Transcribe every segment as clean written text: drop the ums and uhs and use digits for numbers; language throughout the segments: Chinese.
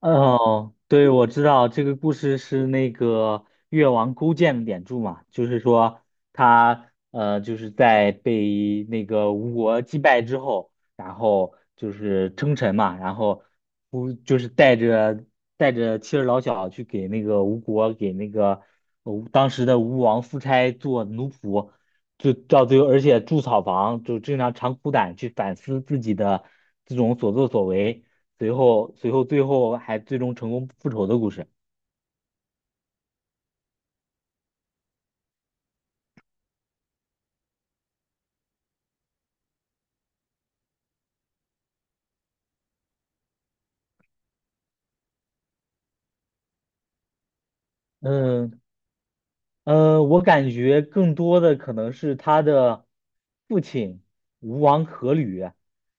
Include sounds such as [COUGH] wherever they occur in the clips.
哦，对，我知道这个故事是那个越王勾践的典注嘛，就是说他就是在被那个吴国击败之后，然后就是称臣嘛，然后不就是带着妻儿老小去给那个吴国给那个吴当时的吴王夫差做奴仆，就到最后而且筑草房，就经常长苦胆去反思自己的这种所作所为。随后最后还最终成功复仇的故事。嗯我感觉更多的可能是他的父亲吴王阖闾，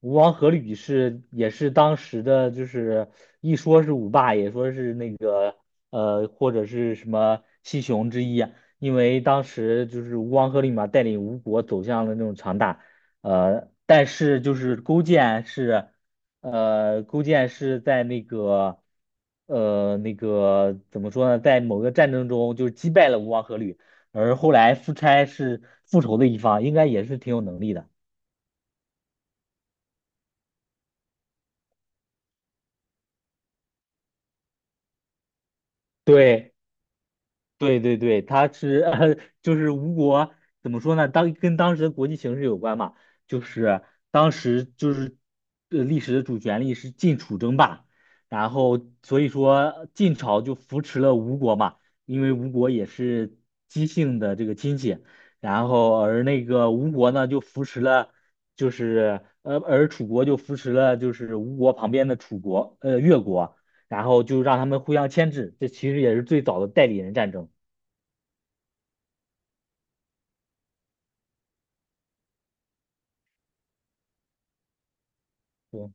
吴王阖闾是也是当时的，就是一说是五霸，也说是那个或者是什么七雄之一啊，因为当时就是吴王阖闾嘛，带领吴国走向了那种强大。但是就是勾践是。勾践是在那个，那个怎么说呢，在某个战争中就是击败了吴王阖闾，而后来夫差是复仇的一方，应该也是挺有能力的。对。对对对，他是 [LAUGHS] 就是吴国怎么说呢？跟当时的国际形势有关嘛，就是当时就是历史的主旋律是晋楚争霸，然后所以说晋朝就扶持了吴国嘛，因为吴国也是姬姓的这个亲戚，然后而那个吴国呢就扶持了，就是而楚国就扶持了就是吴国旁边的越国，然后就让他们互相牵制，这其实也是最早的代理人战争。对，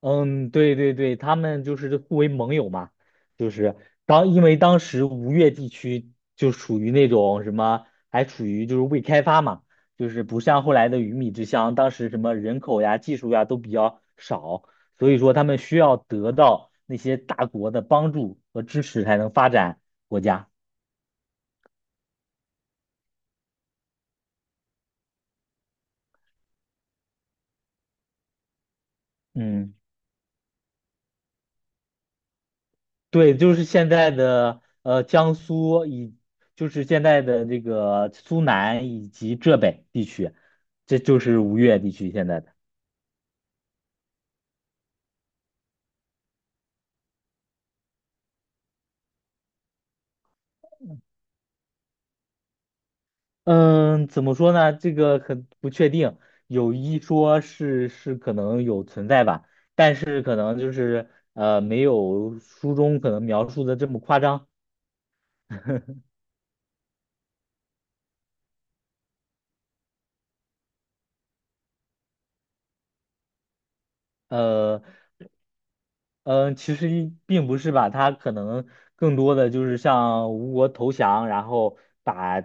嗯，对对对，他们就是互为盟友嘛，就是因为当时吴越地区就属于那种什么，还处于就是未开发嘛，就是不像后来的鱼米之乡，当时什么人口呀、技术呀都比较少，所以说他们需要得到那些大国的帮助和支持才能发展国家。嗯。对，就是现在的江苏以，就是现在的这个苏南以及浙北地区，这就是吴越地区现在的。嗯，怎么说呢？这个很不确定，有一说是可能有存在吧，但是可能就是没有书中可能描述的这么夸张。[LAUGHS] 呃，嗯，其实一并不是吧，他可能更多的就是向吴国投降，然后把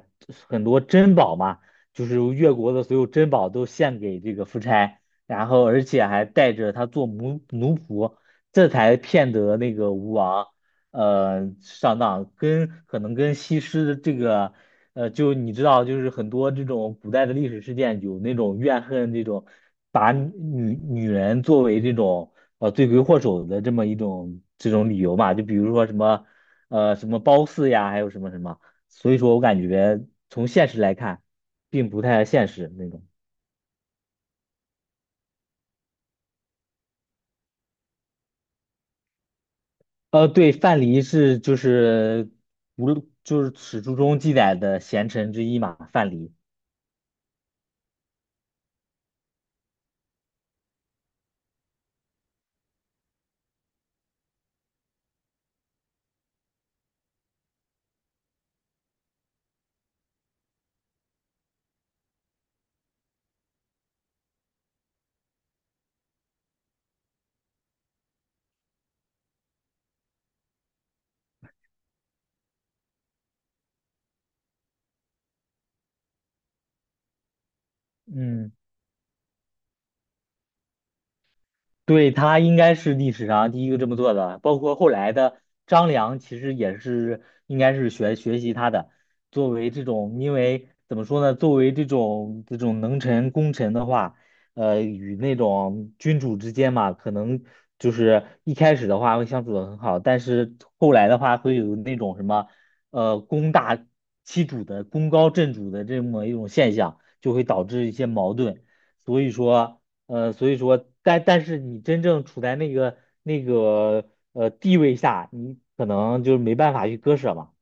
很多珍宝嘛，就是越国的所有珍宝都献给这个夫差，然后而且还带着他做奴仆，这才骗得那个吴王，上当，跟可能跟西施的这个，就你知道，就是很多这种古代的历史事件有那种怨恨这种，把女人作为这种。罪魁祸首的这么一种这种理由嘛，就比如说什么褒姒呀，还有什么什么，所以说我感觉从现实来看，并不太现实那种。对，范蠡是就是无论就是史书中记载的贤臣之一嘛，范蠡。嗯。对，他应该是历史上第一个这么做的，包括后来的张良，其实也是应该是学习他的。作为这种，因为怎么说呢，作为这种能臣功臣的话，与那种君主之间嘛，可能就是一开始的话会相处的很好，但是后来的话会有那种什么，呃，功大功高震主的这么一种现象，就会导致一些矛盾。所以说。所以说，但是你真正处在那个地位下，你可能就是没办法去割舍嘛。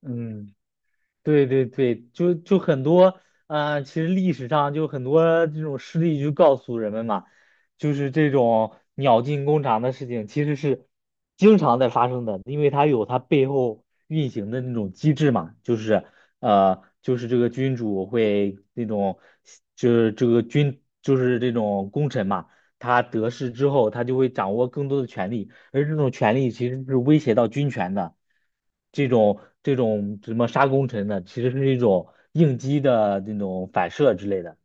嗯。对对对，就很多，其实历史上就很多这种事例就告诉人们嘛，就是这种鸟尽弓藏的事情，其实是经常在发生的，因为它有它背后运行的那种机制嘛，就是就是这个君主会那种，就是这个君就是这种功臣嘛，他得势之后，他就会掌握更多的权力。而这种权利其实是威胁到军权的，这种什么杀功臣的，其实是一种应激的那种反射之类的。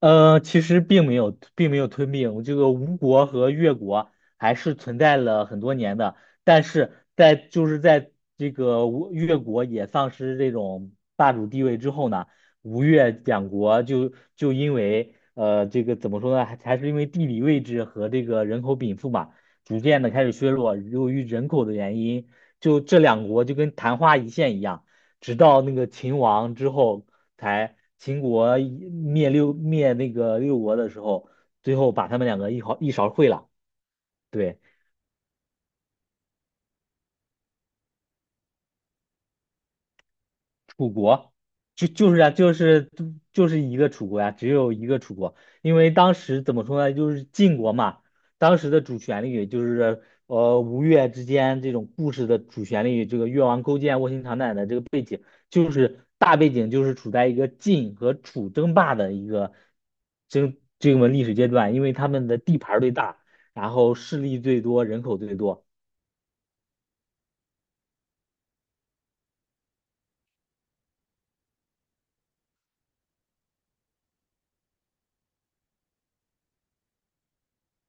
其实并没有，并没有吞并这个吴国和越国还是存在了很多年的，但是在就是在这个吴越国也丧失这种霸主地位之后呢，吴越两国就因为这个怎么说呢，还是因为地理位置和这个人口禀赋嘛，逐渐的开始削弱，由于人口的原因，就这两国就跟昙花一现一样。直到那个秦王之后，才秦国一灭六灭那个六国的时候，最后把他们两个一毫一勺烩了。对，楚国就是啊，就是一个楚国呀、只有一个楚国，因为当时怎么说呢，就是晋国嘛，当时的主旋律就是吴越之间这种故事的主旋律，这个越王勾践卧薪尝胆的这个。就是大背景就是处在一个晋和楚争霸的一个这个历史阶段，因为他们的地盘儿最大，然后势力最多，人口最多。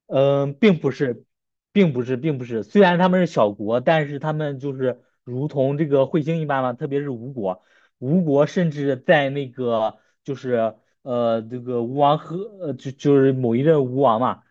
嗯，并不是，并不是，并不是。虽然他们是小国，但是他们就是如同这个彗星一般嘛，特别是吴国，吴国甚至在那个就是这个吴王阖呃就就是某一任吴王嘛，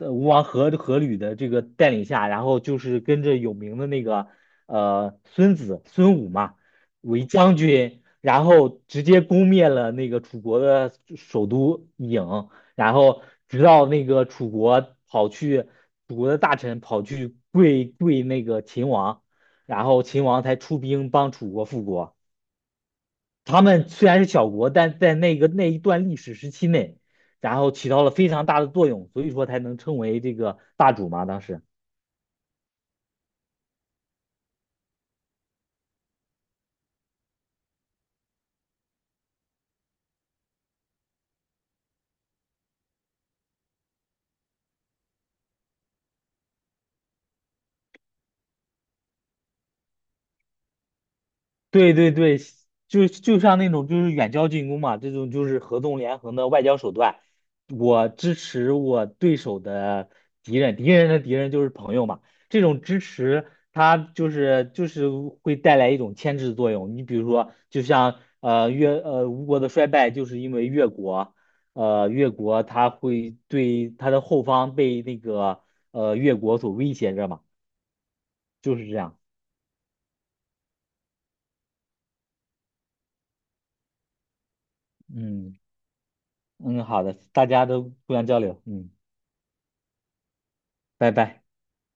吴王阖闾的这个带领下，然后就是跟着有名的那个孙子孙武嘛为将军，然后直接攻灭了那个楚国的首都郢。然后直到那个楚国跑去，楚国的大臣跑去跪那个秦王，然后秦王才出兵帮楚国复国。他们虽然是小国，但在那一段历史时期内，然后起到了非常大的作用，所以说才能称为这个霸主嘛，当时。对对对，就像那种就是远交近攻嘛，这种就是合纵连横的外交手段。我支持我对手的敌人，敌人的敌人就是朋友嘛。这种支持，它就是会带来一种牵制作用。你比如说，就像呃越呃吴国的衰败，就是因为越国，越国它会对它的后方被那个越国所威胁着嘛，就是这样。嗯嗯，好的，大家都互相交流，嗯。拜拜